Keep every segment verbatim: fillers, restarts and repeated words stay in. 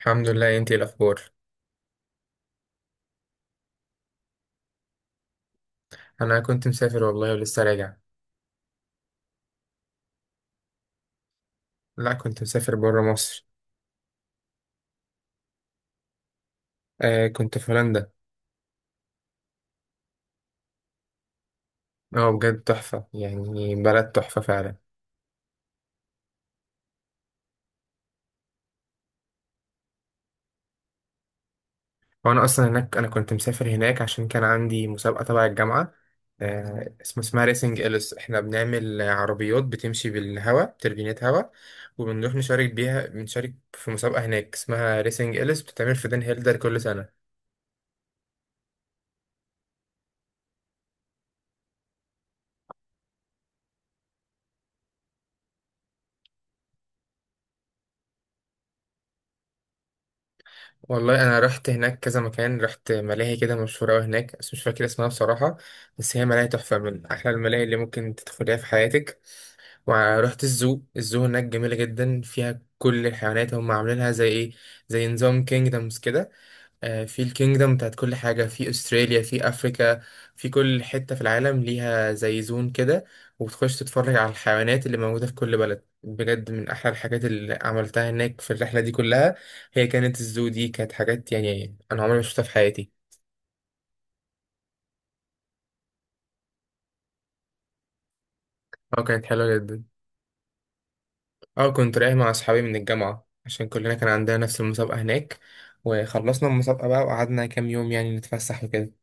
الحمد لله، انتي ايه الاخبار؟ انا كنت مسافر والله ولسه راجع. لا، كنت مسافر بره مصر. آه، كنت في هولندا. اه، بجد تحفه، يعني بلد تحفه فعلا. وانا اصلا هناك، انا كنت مسافر هناك عشان كان عندي مسابقه تبع الجامعه. آه اسمه اسمها ريسنج اليس. احنا بنعمل عربيات بتمشي بالهواء، تربينات هواء. وبنروح نشارك بيها بنشارك في مسابقه هناك اسمها ريسنج اليس، بتتعمل في دن هيلدر كل سنه. والله انا رحت هناك كذا مكان، رحت ملاهي كده مشهوره قوي هناك بس مش فاكر اسمها بصراحه. بس هي ملاهي تحفه، من احلى الملاهي اللي ممكن تدخليها في حياتك. ورحت الزو. الزو هناك جميله جدا، فيها كل الحيوانات. هم عاملينها زي ايه، زي نظام كينجدمز كده. آه، في الكينجدم بتاعت كل حاجة، في أستراليا، في أفريكا. في كل حتة في العالم ليها زي زون كده. وبتخش تتفرج على الحيوانات اللي موجودة في كل بلد، بجد من أحلى الحاجات اللي عملتها هناك في الرحلة دي كلها. هي كانت الزو دي كانت حاجات يعني أنا عمري ما شفتها في حياتي. أه، كانت حلوة جدا. أه، كنت رايح مع أصحابي من الجامعة عشان كلنا كان عندنا نفس المسابقة هناك. وخلصنا المسابقة بقى وقعدنا كام يوم يعني نتفسح وكده.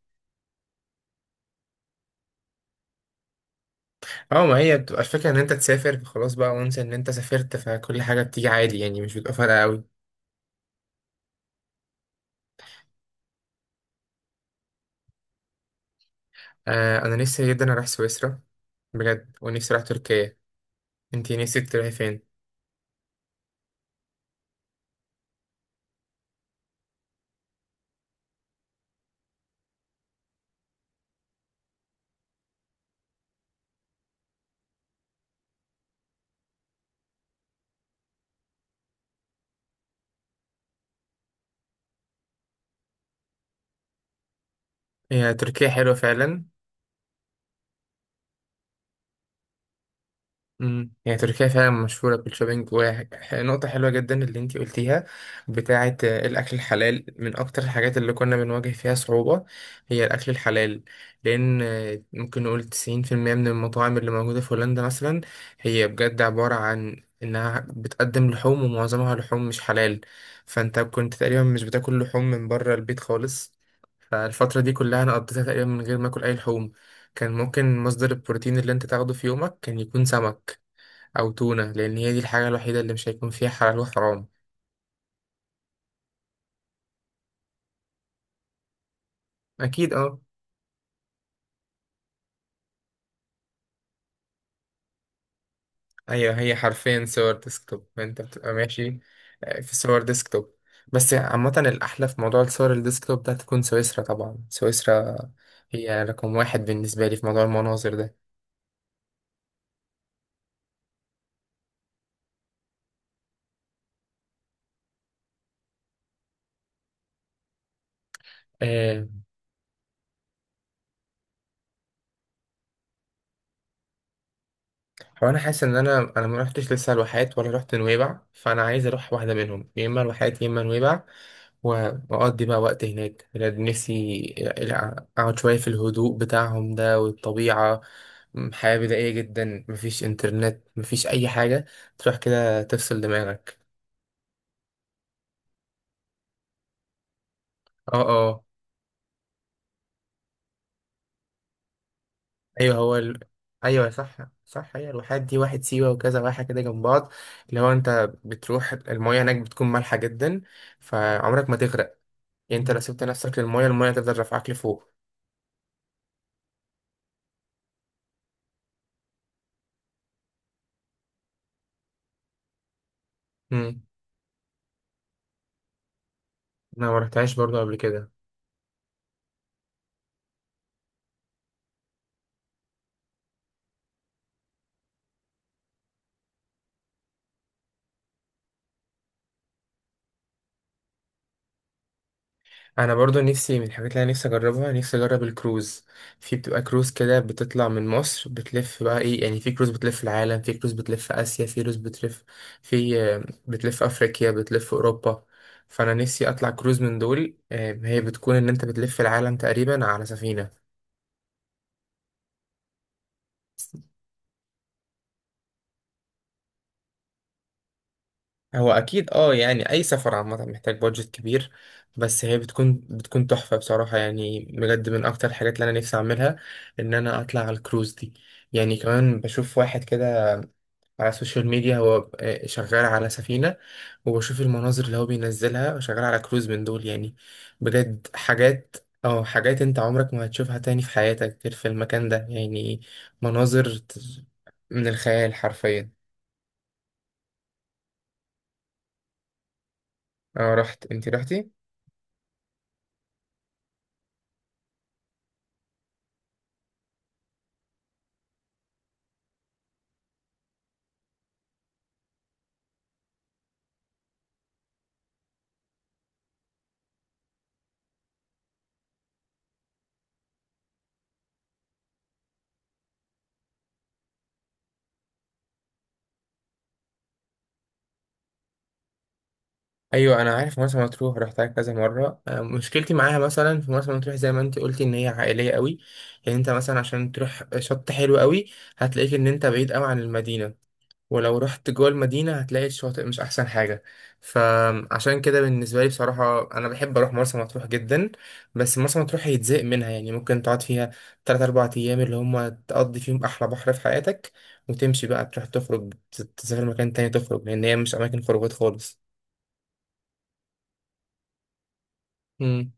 اه، ما هي بتبقى الفكرة ان انت تسافر خلاص بقى وانسى ان انت سافرت، فكل حاجة بتيجي عادي يعني مش بتبقى فارقة قوي. آه، انا نفسي جدا اروح سويسرا. بجد، ونفسي اروح تركيا. انتي نفسك تروحي فين؟ هي تركيا حلوة فعلا. امم يعني تركيا فعلا مشهورة بالشوبينج. ونقطة حلوة جدا اللي انتي قلتيها، بتاعة آه، الأكل الحلال. من أكتر الحاجات اللي كنا بنواجه فيها صعوبة هي الأكل الحلال. لأن آه، ممكن نقول تسعين في المية من المطاعم اللي موجودة في هولندا مثلا هي بجد عبارة عن إنها بتقدم لحوم، ومعظمها لحوم مش حلال. فأنت كنت تقريبا مش بتاكل لحوم من بره البيت خالص. فالفترة دي كلها أنا قضيتها تقريبا من غير ما أكل أي لحوم. كان ممكن مصدر البروتين اللي أنت تاخده في يومك كان يكون سمك أو تونة، لأن هي دي الحاجة الوحيدة اللي مش هيكون فيها حلال وحرام. أكيد، أه. أيوة هي حرفيا صور ديسكتوب، أنت بتبقى ماشي. آه، في صور ديسكتوب. بس عامة الأحلى في موضوع الصور الديسكتوب ده تكون سويسرا، طبعا سويسرا هي رقم واحد بالنسبة لي في موضوع المناظر ده. آه، هو أنا حاسس إن أنا أنا ما رحتش لسه الواحات ولا رحت نويبع، فأنا عايز أروح واحدة منهم، يا إما الواحات يا إما نويبع. وأقضي بقى وقت هناك، بجد نفسي أقعد شوية في الهدوء بتاعهم ده والطبيعة. م، حياة بدائية جدا، مفيش إنترنت، مفيش أي حاجة. تروح كده تفصل دماغك. اه، اه، أيوه. هو ال... أيوه صح. صح، هي الواحات دي واحد سيوة وكذا واحة كده جنب بعض، اللي هو أنت بتروح المياه هناك بتكون مالحة جدا، فعمرك ما تغرق. يعني أنت لو سبت نفسك للمياه، المياه تفضل رافعاك لفوق. مم. أنا ما رحتهاش برضه قبل كده. انا برضو نفسي، من الحاجات اللي انا نفسي اجربها، نفسي اجرب الكروز. في بتبقى كروز كده بتطلع من مصر بتلف بقى ايه يعني، في كروز بتلف العالم، في كروز بتلف اسيا، في كروز بتلف، في آه، بتلف افريقيا، بتلف اوروبا. فانا نفسي اطلع كروز من دول. آه، هي بتكون ان انت بتلف العالم تقريبا على سفينة. هو اكيد، اه، يعني اي سفر عامه محتاج بادجت كبير. بس هي بتكون بتكون تحفه بصراحه، يعني بجد من اكتر الحاجات اللي انا نفسي اعملها ان انا اطلع على الكروز دي. يعني كمان بشوف واحد كده على السوشيال ميديا هو آه، شغال على سفينه، وبشوف المناظر اللي هو بينزلها شغال على كروز من دول، يعني بجد حاجات. اه، حاجات انت عمرك ما هتشوفها تاني في حياتك غير في المكان ده يعني، مناظر ت- من الخيال حرفيا. اه، رحت. انت رحتي؟ ايوه انا عارف مرسى مطروح، رحتها كذا مره. أه، مشكلتي معاها مثلا في مرسى مطروح، زي ما انت قلتي، ان هي عائليه قوي. يعني انت مثلا عشان تروح شط حلو قوي هتلاقيك ان انت بعيد قوي عن المدينه، ولو رحت جوه المدينه هتلاقي الشاطئ مش احسن حاجه. فعشان كده بالنسبه لي بصراحه، انا بحب اروح مرسى مطروح جدا، بس مرسى مطروح هيتزهق منها. يعني ممكن تقعد فيها ثلاثة أربعة ايام اللي هم تقضي فيهم احلى بحر في حياتك، وتمشي بقى تروح تخرج، تسافر مكان تاني تخرج، لان هي مش اماكن خروجات خالص. مم.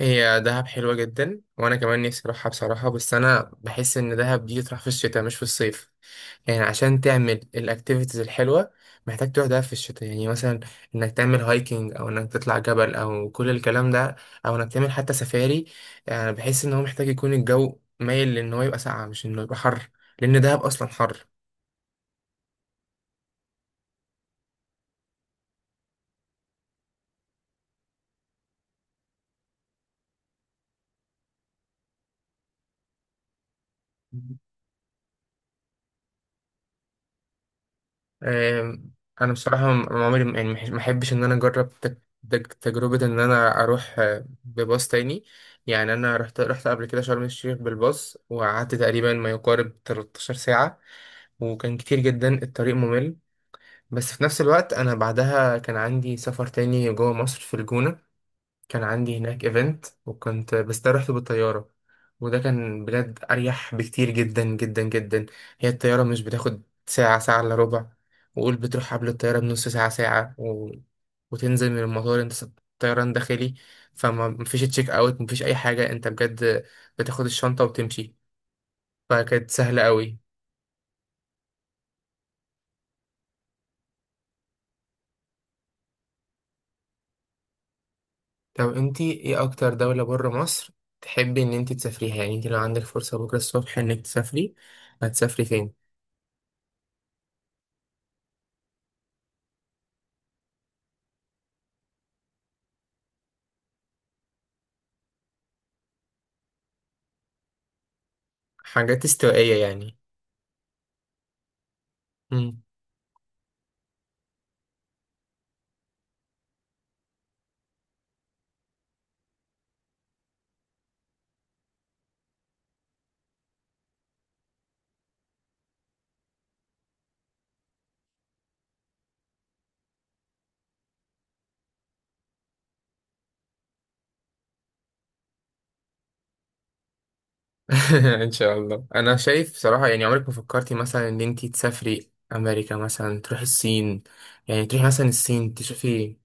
هي دهب حلوة جدا وأنا كمان نفسي أروحها بصراحة، بس أنا بحس إن دهب دي تروح في الشتاء مش في الصيف. يعني عشان تعمل الأكتيفيتيز الحلوة محتاج تروح دهب في الشتاء، يعني مثلا إنك تعمل هايكنج أو إنك تطلع جبل أو كل الكلام ده، أو إنك تعمل حتى سفاري. يعني بحس إن هو محتاج يكون الجو مايل لإن هو يبقى ساقعة مش إنه يبقى حر، لأن دهب أصلا حر. آم، انا بصراحه م- عمري م- يعني مح- ما احبش ان انا اجرب تج- تج- تجربه ان انا اروح آه، بباص تاني. يعني انا رحت رحت قبل كده شرم الشيخ بالباص، وقعدت تقريبا ما يقارب تلتاشر ساعه، وكان كتير جدا، الطريق ممل. بس في نفس الوقت انا بعدها كان عندي سفر تاني جوه مصر في الجونه، كان عندي هناك ايفنت، وكنت بس ده رحت بالطيارة. وده كان بجد أريح بكتير جدا جدا جدا. هي الطيارة مش بتاخد ساعة، ساعة إلا ربع. وقول بتروح قبل الطيارة بنص ساعة، ساعة، و... وتنزل من المطار، انت س- طيران داخلي. فما مفيش تشيك اوت، مفيش أي حاجة، انت بجد بتاخد الشنطة وتمشي. فكانت سهلة قوي. طب انتي ايه أكتر دولة بره مصر تحبي إن انتي تسافريها؟ يعني انتي لو عندك فرصة بكرة الصبح إنك تسافري، هتسافري فين؟ حاجات استوائية يعني. مم. ان شاء الله. انا شايف صراحه، يعني عمرك ما فكرتي مثلا ان انتي تسافري امريكا مثلا، تروحي الصين؟ يعني تروحي مثلا الصين تشوفي.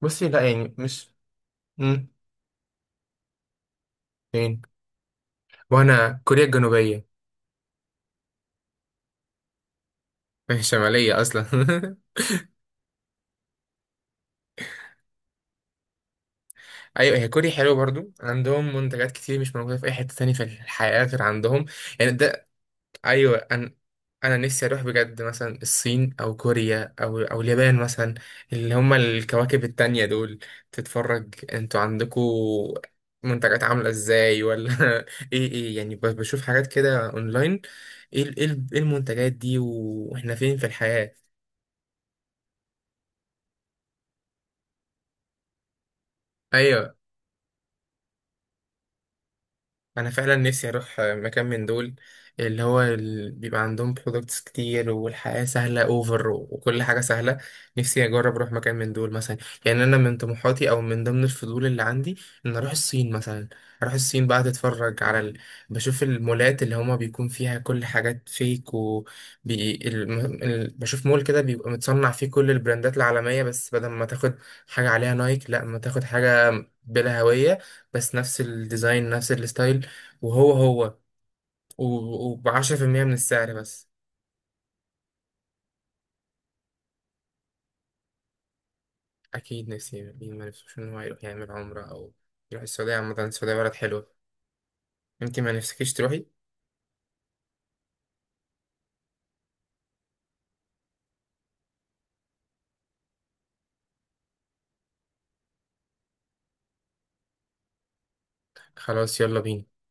بصي، لا يعني مش. مم. فين؟ وانا كوريا الجنوبيه. الشماليه اصلا ايوه هي كوريا حلوه برضو، عندهم منتجات كتير مش موجوده في اي حته تانية في الحياه غير عندهم. يعني ده. ايوه، انا انا نفسي اروح بجد مثلا الصين او كوريا او او اليابان مثلا، اللي هما الكواكب التانية دول. تتفرج انتوا عندكوا منتجات عاملة ازاي ولا ايه، ايه، يعني ب- بشوف حاجات كده اونلاين. ايه ال- ايه ال- إيه المنتجات دي واحنا فين في الحياة؟ ايوه انا فعلا نفسي اروح مكان من دول اللي هو ال... بيبقى عندهم برودكتس كتير والحياة سهلة اوفر وكل حاجة سهلة. نفسي اجرب اروح مكان من دول مثلا. يعني انا من طموحاتي او من ضمن الفضول اللي عندي ان اروح الصين مثلا. اروح الصين بقى اتفرج على ال... بشوف المولات اللي هما بيكون فيها كل حاجات فيك، و بي... الم... ال... بشوف مول كده بيبقى متصنع فيه كل البراندات العالمية، بس بدل ما تاخد حاجة عليها نايك، لا ما تاخد حاجة بلا هوية، بس نفس الديزاين نفس الستايل، وهو هو. وبعشرة في المية من السعر بس. أكيد نفسي، مين ما نفسوش إن هو يروح يعمل عمرة أو يروح السعودية، عامة السعودية بلد حلوة. أنت ما نفسكيش تروحي. خلاص، يلا بينا.